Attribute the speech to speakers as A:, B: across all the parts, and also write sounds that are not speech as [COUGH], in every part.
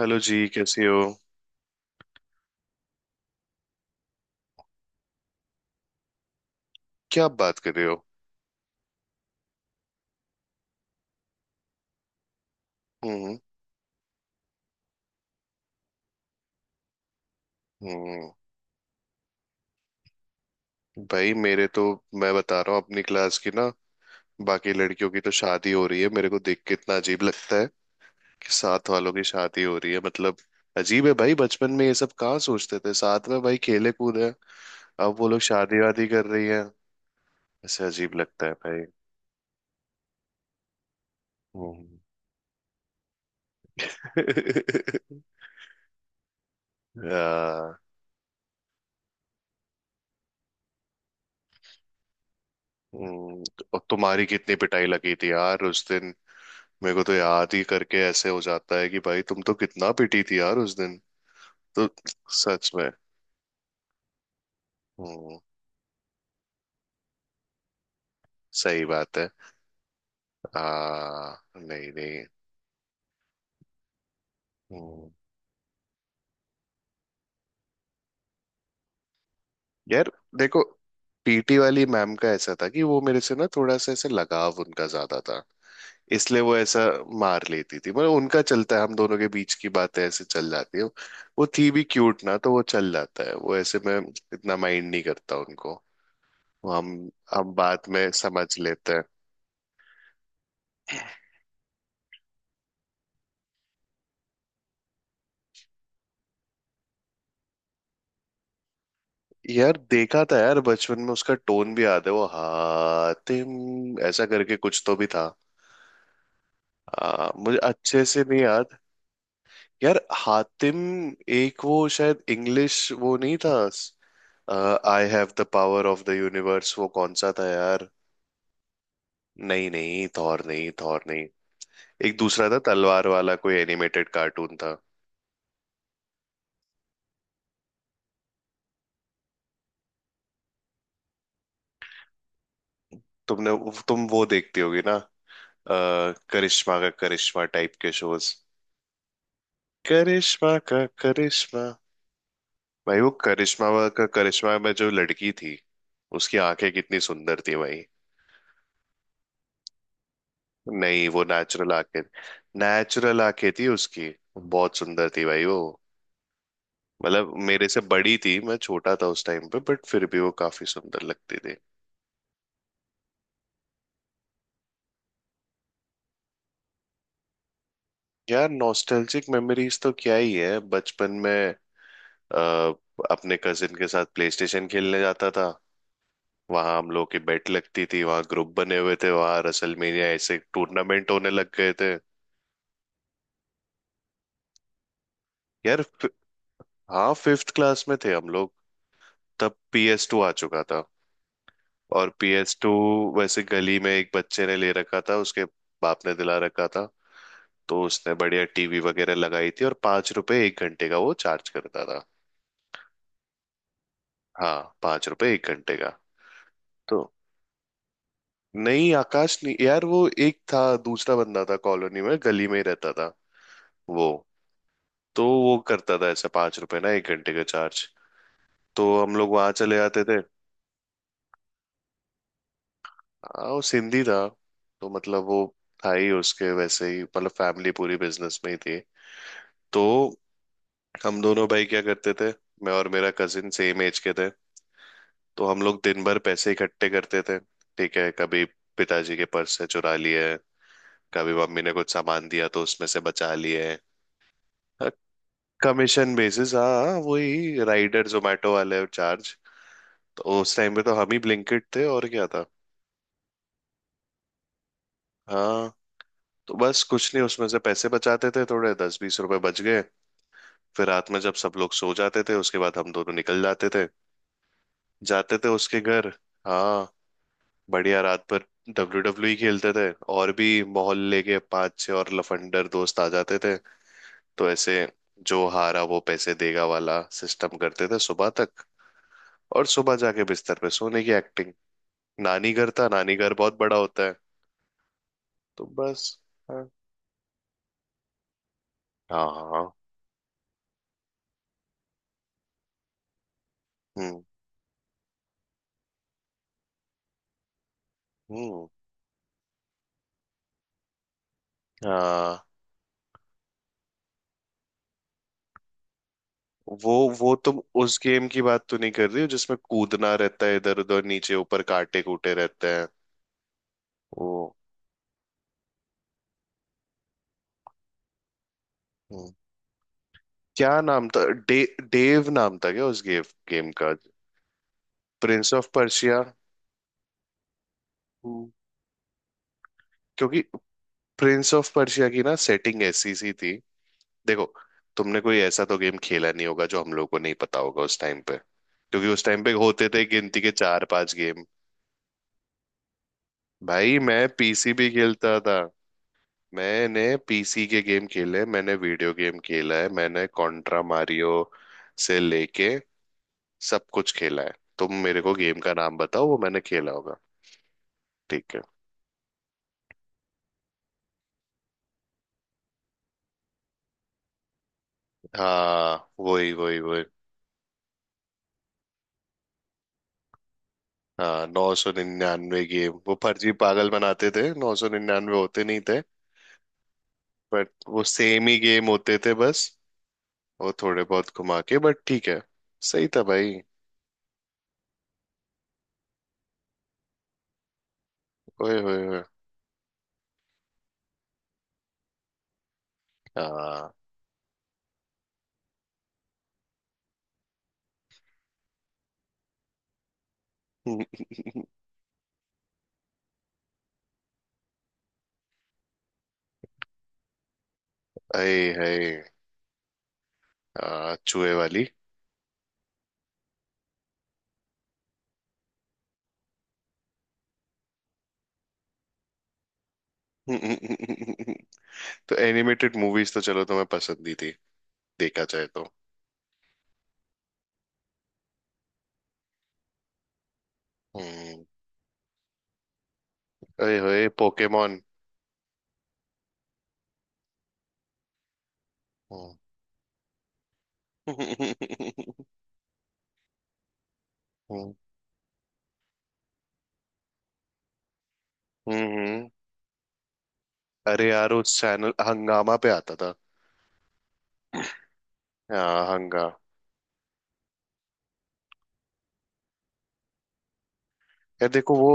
A: Hello जी, कैसे हो। क्या आप बात कर रहे हो। हम्म हम्म। भाई मेरे तो, मैं बता रहा हूँ अपनी क्लास की ना, बाकी लड़कियों की तो शादी हो रही है। मेरे को देख के इतना अजीब लगता है कि साथ वालों की शादी हो रही है, मतलब अजीब है भाई। बचपन में ये सब कहाँ सोचते थे, साथ में भाई खेले कूदे, अब वो लोग शादी वादी कर रही है। ऐसे अजीब लगता है भाई। हम्म। [LAUGHS] आ, हम्म, और तुम्हारी कितनी पिटाई लगी थी यार उस दिन। मेरे को तो याद ही करके ऐसे हो जाता है कि भाई तुम तो कितना पिटी थी यार उस दिन। तो सच में। हम्म। सही बात है। आ नहीं नहीं। हम्म। यार देखो, पीटी वाली मैम का ऐसा था कि वो मेरे से ना थोड़ा सा ऐसे लगाव उनका ज्यादा था, इसलिए वो ऐसा मार लेती थी। मतलब उनका चलता है, हम दोनों के बीच की बातें ऐसे चल जाती है। वो थी भी क्यूट ना तो वो चल जाता है, वो ऐसे में इतना माइंड नहीं करता उनको। वो हम बात में समझ लेते हैं। यार देखा था, यार बचपन में उसका टोन भी याद है वो, हातिम ऐसा करके कुछ तो भी था। मुझे अच्छे से नहीं याद। यार हातिम, एक वो शायद इंग्लिश वो नहीं था। I have the power of the universe, वो कौन सा था यार। नहीं नहीं, थॉर नहीं, थॉर नहीं। एक दूसरा था तलवार वाला, कोई एनिमेटेड कार्टून था। तुमने, तुम वो देखती होगी ना। करिश्मा का करिश्मा टाइप के शोज, करिश्मा का करिश्मा। भाई वो करिश्मा का करिश्मा में जो लड़की थी, उसकी आंखें कितनी सुंदर थी भाई। नहीं, वो नेचुरल आंखें। नेचुरल आंखें थी उसकी, बहुत सुंदर थी भाई वो। मतलब मेरे से बड़ी थी, मैं छोटा था उस टाइम पे, बट फिर भी वो काफी सुंदर लगती थी। यार नॉस्टैल्जिक मेमोरीज तो क्या ही है बचपन में। आ, अपने कजिन के साथ प्लेस्टेशन खेलने जाता था। वहां हम लोग की बेट लगती थी, वहां ग्रुप बने हुए थे, वहां रसलमेनिया ऐसे टूर्नामेंट होने लग गए थे। यार, हाँ 5th क्लास में थे हम लोग। तब PS2 आ चुका था। और PS2 वैसे गली में एक बच्चे ने ले रखा था, उसके बाप ने दिला रखा था। तो उसने बढ़िया टीवी वगैरह लगाई थी और 5 रुपए एक घंटे का वो चार्ज करता था। हाँ 5 रुपए एक घंटे का। तो नहीं, आकाश नहीं यार वो, एक था, दूसरा बंदा था, कॉलोनी में गली में ही रहता था वो। तो वो करता था ऐसे 5 रुपए ना एक घंटे का चार्ज, तो हम लोग वहां चले जाते थे। हाँ वो सिंधी था। तो मतलब वो था ही, उसके वैसे ही मतलब फैमिली पूरी बिजनेस में ही थी। तो हम दोनों भाई क्या करते थे, मैं और मेरा कजिन सेम एज के थे, तो हम लोग दिन भर पैसे इकट्ठे करते थे। ठीक है, कभी पिताजी के पर्स से चुरा लिए, कभी मम्मी ने कुछ सामान दिया तो उसमें से बचा लिए। कमीशन बेसिस हाँ हाँ, वही राइडर जोमेटो वाले चार्ज। तो उस टाइम पे तो हम ही ब्लिंकिट थे और क्या था। हाँ। तो बस कुछ नहीं, उसमें से पैसे बचाते थे, थोड़े 10-20 रुपए बच गए। फिर रात में जब सब लोग सो जाते थे, उसके बाद हम दोनों निकल जाते थे, जाते थे उसके घर। हाँ, बढ़िया रात भर डब्ल्यू डब्ल्यू ही खेलते थे। और भी मोहल्ले के पांच छह और लफंडर दोस्त आ जाते थे, तो ऐसे जो हारा वो पैसे देगा वाला सिस्टम करते थे सुबह तक। और सुबह जाके बिस्तर पे सोने की एक्टिंग। नानी घर था, नानी घर बहुत बड़ा होता है। तो बस। हाँ हाँ हाँ, हम्म। हम्म। हाँ। वो वो तुम उस गेम की बात तो नहीं कर रही हो जिसमें कूदना रहता है इधर उधर, नीचे ऊपर कांटे कूटे रहते हैं। वो, हम्म। क्या नाम था, डेव नाम था क्या उस गेम, गेम का। Prince of Persia. हम्म। क्योंकि प्रिंस ऑफ पर्शिया की ना सेटिंग ऐसी सी थी। देखो, तुमने कोई ऐसा तो गेम खेला नहीं होगा जो हम लोग को नहीं पता होगा उस टाइम पे, क्योंकि उस टाइम पे होते थे गिनती के चार पांच गेम। भाई मैं पीसी भी खेलता था। मैंने पीसी के गेम खेले, मैंने वीडियो गेम खेला है, मैंने कॉन्ट्रा मारियो से लेके सब कुछ खेला है। तुम मेरे को गेम का नाम बताओ, वो मैंने खेला होगा। ठीक है, हाँ वही वही वही। हाँ, 999 गेम वो फर्जी पागल बनाते थे, 999 होते नहीं थे। बट वो सेम ही गेम होते थे बस, वो थोड़े बहुत घुमा के, बट ठीक है। सही था भाई। ओए होए होए। हाँ। [LAUGHS] अरे, है चूहे वाली। तो एनिमेटेड मूवीज तो चलो तुम्हें पसंद ही थी, देखा जाए तो। हम्म। अरे होए, पोकेमोन। हम्म। हम्म। अरे यार, उस चैनल हंगामा पे आता था। हाँ हंगा यार देखो वो,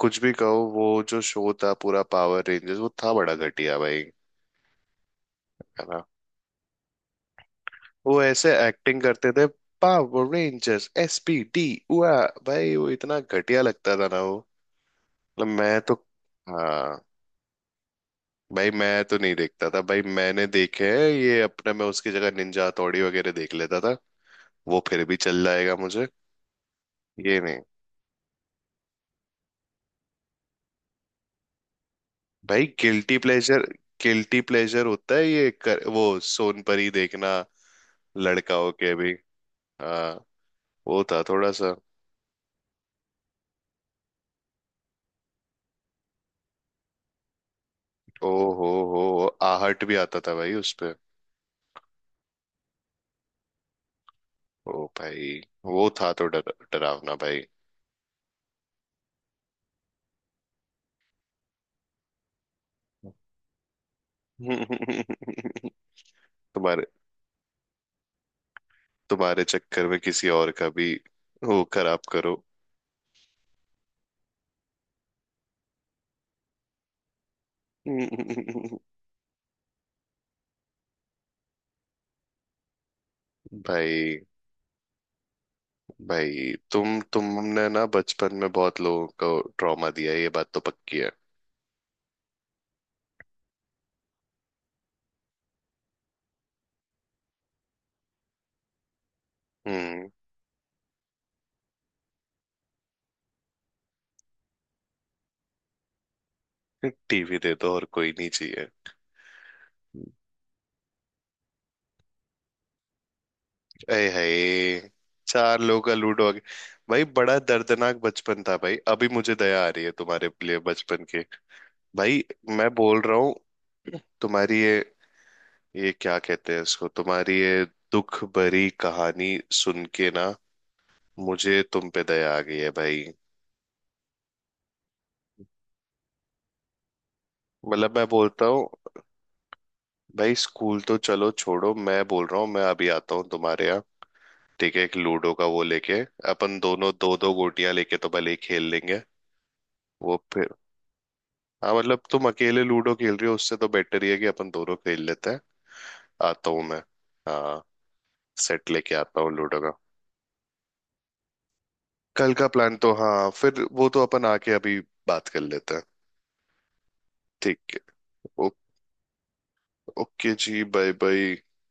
A: कुछ भी कहो वो जो शो था पूरा पावर रेंजर्स, वो था बड़ा घटिया भाई, है ना। वो ऐसे एक्टिंग करते थे। पावर रेंजर्स एसपीडी हुआ, भाई वो इतना घटिया लगता था ना वो। मतलब मैं तो, हाँ भाई मैं तो नहीं देखता था भाई। मैंने देखे हैं ये अपने, मैं उसकी जगह निंजा हथौड़ी वगैरह देख लेता था, वो फिर भी चल जाएगा मुझे। ये नहीं। भाई गिल्टी प्लेजर, गिल्टी प्लेजर होता है वो सोनपरी देखना, लड़का होके भी। हाँ, वो था थोड़ा सा। ओ हो, आहट भी आता था भाई उस पे। ओ भाई, वो था तो डर, डरावना भाई। [LAUGHS] तुम्हारे तुम्हारे चक्कर में किसी और का भी वो खराब करो। [LAUGHS] भाई, तुमने ना बचपन में बहुत लोगों को ट्रॉमा दिया है, ये बात तो पक्की है। हम्म। टीवी दे दो और कोई नहीं चाहिए। अय हाय, चार लोगों का लूडो आ गया। भाई बड़ा दर्दनाक बचपन था भाई, अभी मुझे दया आ रही है तुम्हारे लिए बचपन के। भाई मैं बोल रहा हूँ, तुम्हारी ये क्या कहते हैं इसको, तुम्हारी ये दुख भरी कहानी सुन के ना, मुझे तुम पे दया आ गई है भाई। मतलब मैं बोलता हूँ, भाई स्कूल तो चलो छोड़ो, मैं बोल रहा हूँ मैं अभी आता हूँ तुम्हारे यहाँ, ठीक है। एक लूडो का वो लेके अपन दोनों दो दो गोटियां लेके तो भले ही खेल लेंगे। वो फिर, हाँ मतलब तुम अकेले लूडो खेल रहे हो, उससे तो बेटर ही है कि अपन दोनों खेल लेते हैं। आता हूँ मैं। हाँ, सेट लेके आता हूँ लूडो का। कल का प्लान तो हाँ फिर वो तो अपन आके अभी बात कर लेते हैं। ठीक है। ओ- ओके जी, बाय बाय।